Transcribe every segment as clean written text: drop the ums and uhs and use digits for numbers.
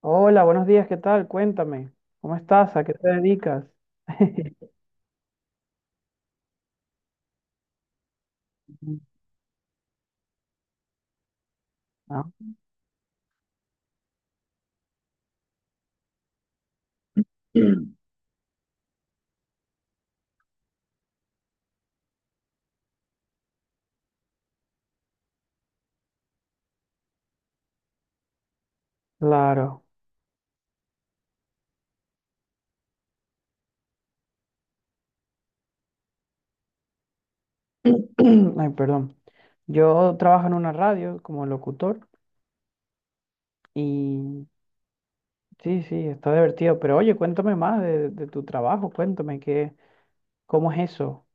Hola, buenos días, ¿qué tal? Cuéntame, ¿cómo estás? ¿A qué te dedicas? Ah, claro. Ay, perdón. Yo trabajo en una radio como locutor y sí, sí, está divertido. Pero oye, cuéntame más de tu trabajo, cuéntame cómo es eso.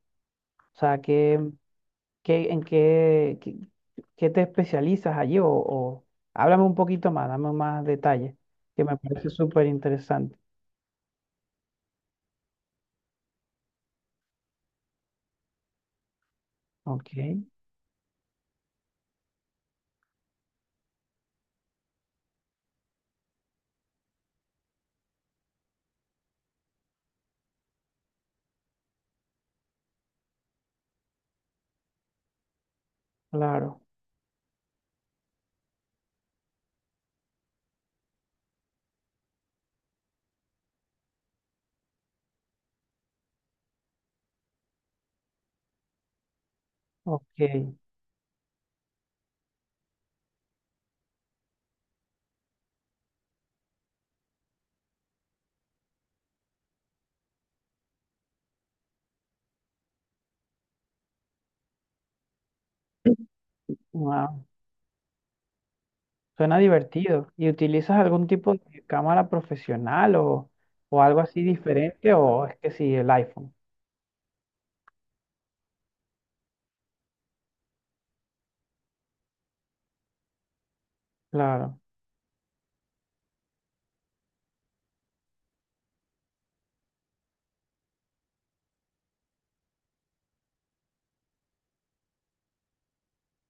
O sea, en qué te especializas allí o háblame un poquito más, dame más detalles, que me parece súper interesante. Ok, claro. Ok, wow. Suena divertido. ¿Y utilizas algún tipo de cámara profesional o algo así diferente? ¿O es que sí, el iPhone? Claro,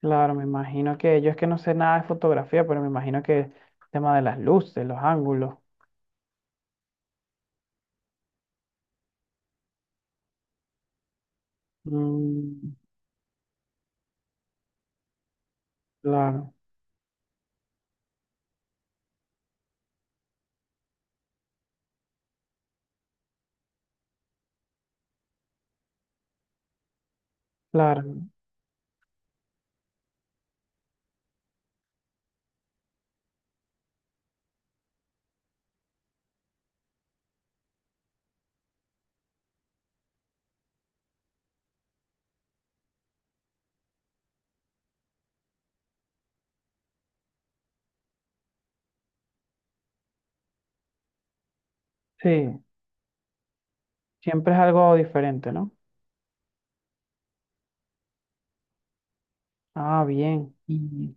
claro, me imagino que yo es que no sé nada de fotografía, pero me imagino que el tema de las luces, los ángulos. Mm, claro, claro. Sí, siempre es algo diferente, ¿no? Ah, bien. Y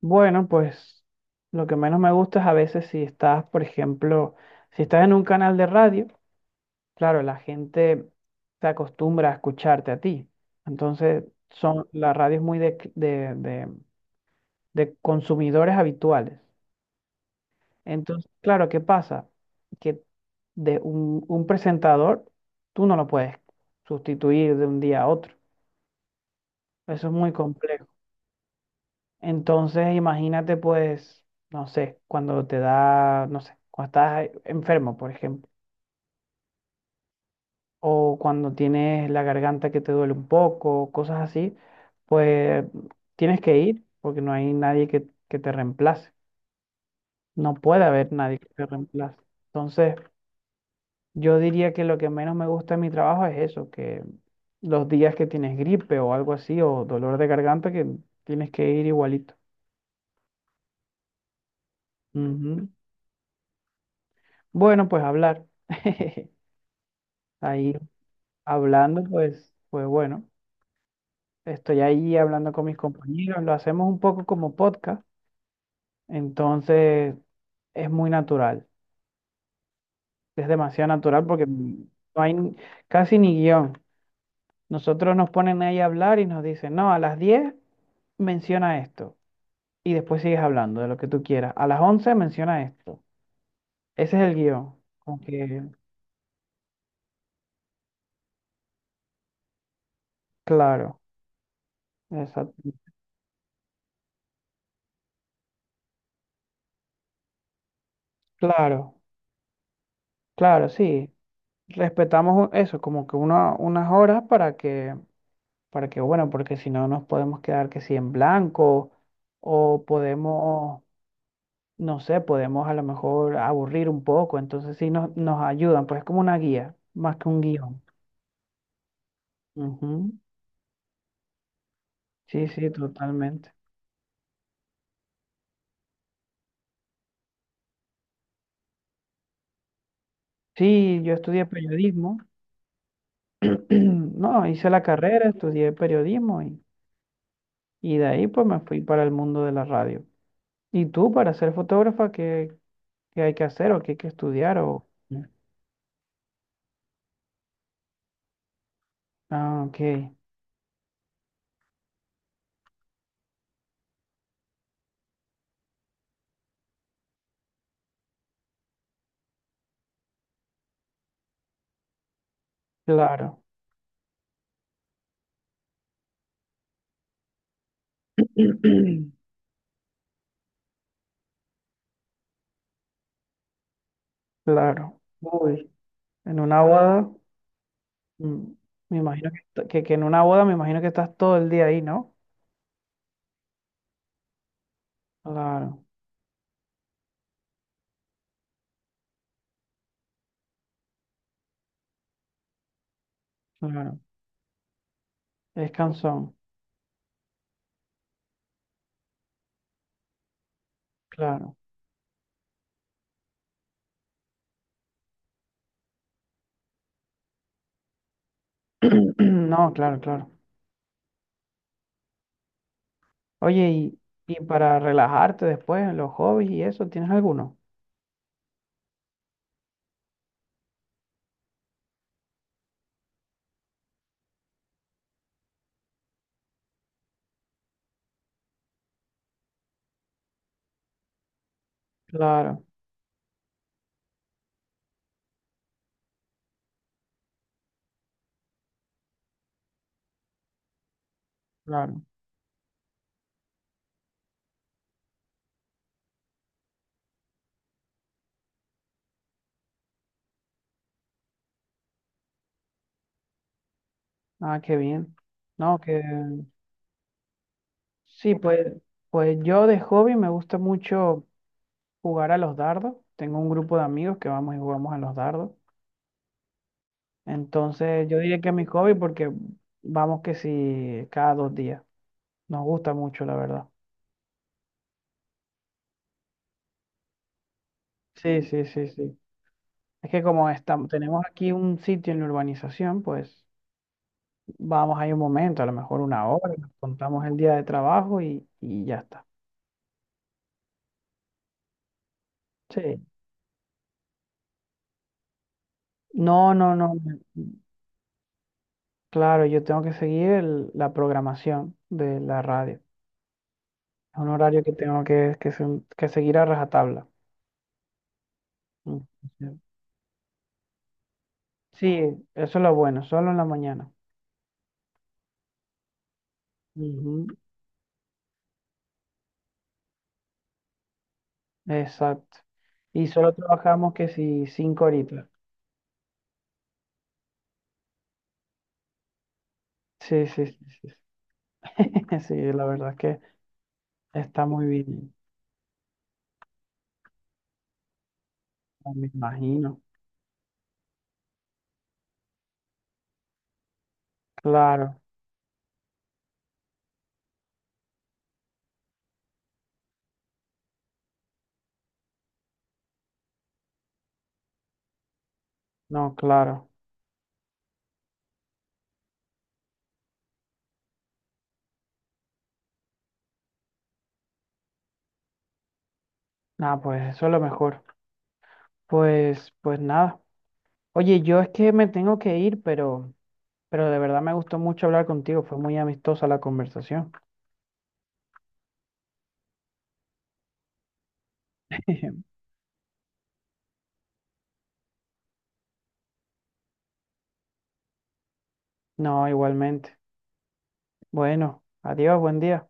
bueno, pues lo que menos me gusta es a veces si estás, por ejemplo, si estás en un canal de radio. Claro, la gente se acostumbra a escucharte a ti. Entonces, la radio es muy de, cl- de consumidores habituales. Entonces, claro, ¿qué pasa? Que de un presentador, tú no lo puedes sustituir de un día a otro. Eso es muy complejo. Entonces, imagínate, pues, no sé, cuando te da, no sé, cuando estás enfermo, por ejemplo o cuando tienes la garganta que te duele un poco, cosas así, pues tienes que ir porque no hay nadie que te reemplace. No puede haber nadie que te reemplace. Entonces, yo diría que lo que menos me gusta de mi trabajo es eso, que los días que tienes gripe o algo así, o dolor de garganta, que tienes que ir igualito. Ujú. Bueno, pues hablar. Ahí hablando, pues, pues bueno, estoy ahí hablando con mis compañeros, lo hacemos un poco como podcast. Entonces, es muy natural. Es demasiado natural porque no hay ni- casi ni guión. Nosotros nos ponen ahí a hablar y nos dicen, no, a las 10 menciona esto. Y después sigues hablando de lo que tú quieras. A las 11 menciona esto. Ese es el guión. Como que, claro, exacto, claro, claro, sí. Respetamos eso, como que unas horas para que, bueno, porque si no nos podemos quedar que si en blanco o podemos no sé, podemos a lo mejor aburrir un poco, entonces sí nos ayudan, pues es como una guía, más que un guión. Ujú. Sí, sí, totalmente. Sí, yo estudié periodismo, no, hice la carrera, estudié periodismo y de ahí pues me fui para el mundo de la radio. ¿Y tú para ser fotógrafa, qué hay que hacer o qué hay que estudiar? O... Ah, ok, claro, claro. Uy, en una boda. Mm, me imagino que en una boda me imagino que estás todo el día ahí, ¿no? Claro, claro. Es cansón, claro. No, claro, claro. Oye, y para relajarte después, los hobbies y eso, ¿tienes alguno? Claro, claro. Ah, qué bien. No, que sí, pues yo de hobby me gusta mucho jugar a los dardos. Tengo un grupo de amigos que vamos y jugamos a los dardos. Entonces, yo diría que es mi hobby porque vamos que sí cada 2 días. Nos gusta mucho, la verdad. Sí, sí, sí, sí. Es que como estamos, tenemos aquí un sitio en la urbanización, pues vamos ahí un momento, a lo mejor una hora, nos contamos el día de trabajo y ya está. Sí. No, no, no. Claro, yo tengo que seguir la programación de la radio. Es un horario que tengo que seguir a rajatabla. Mm, sí, eso es lo bueno, solo en la mañana. Ujú, exacto. Y solo trabajamos que si 5 horitas. Sí, sí, sí, sí. Sí. Sí, la verdad es que está muy bien, me imagino. Claro, no, claro. Nada, pues eso es lo mejor. Pues, pues nada. Oye, yo es que me tengo que ir, pero de verdad me gustó mucho hablar contigo. Fue muy amistosa la conversación. No, igualmente. Bueno, adiós, buen día.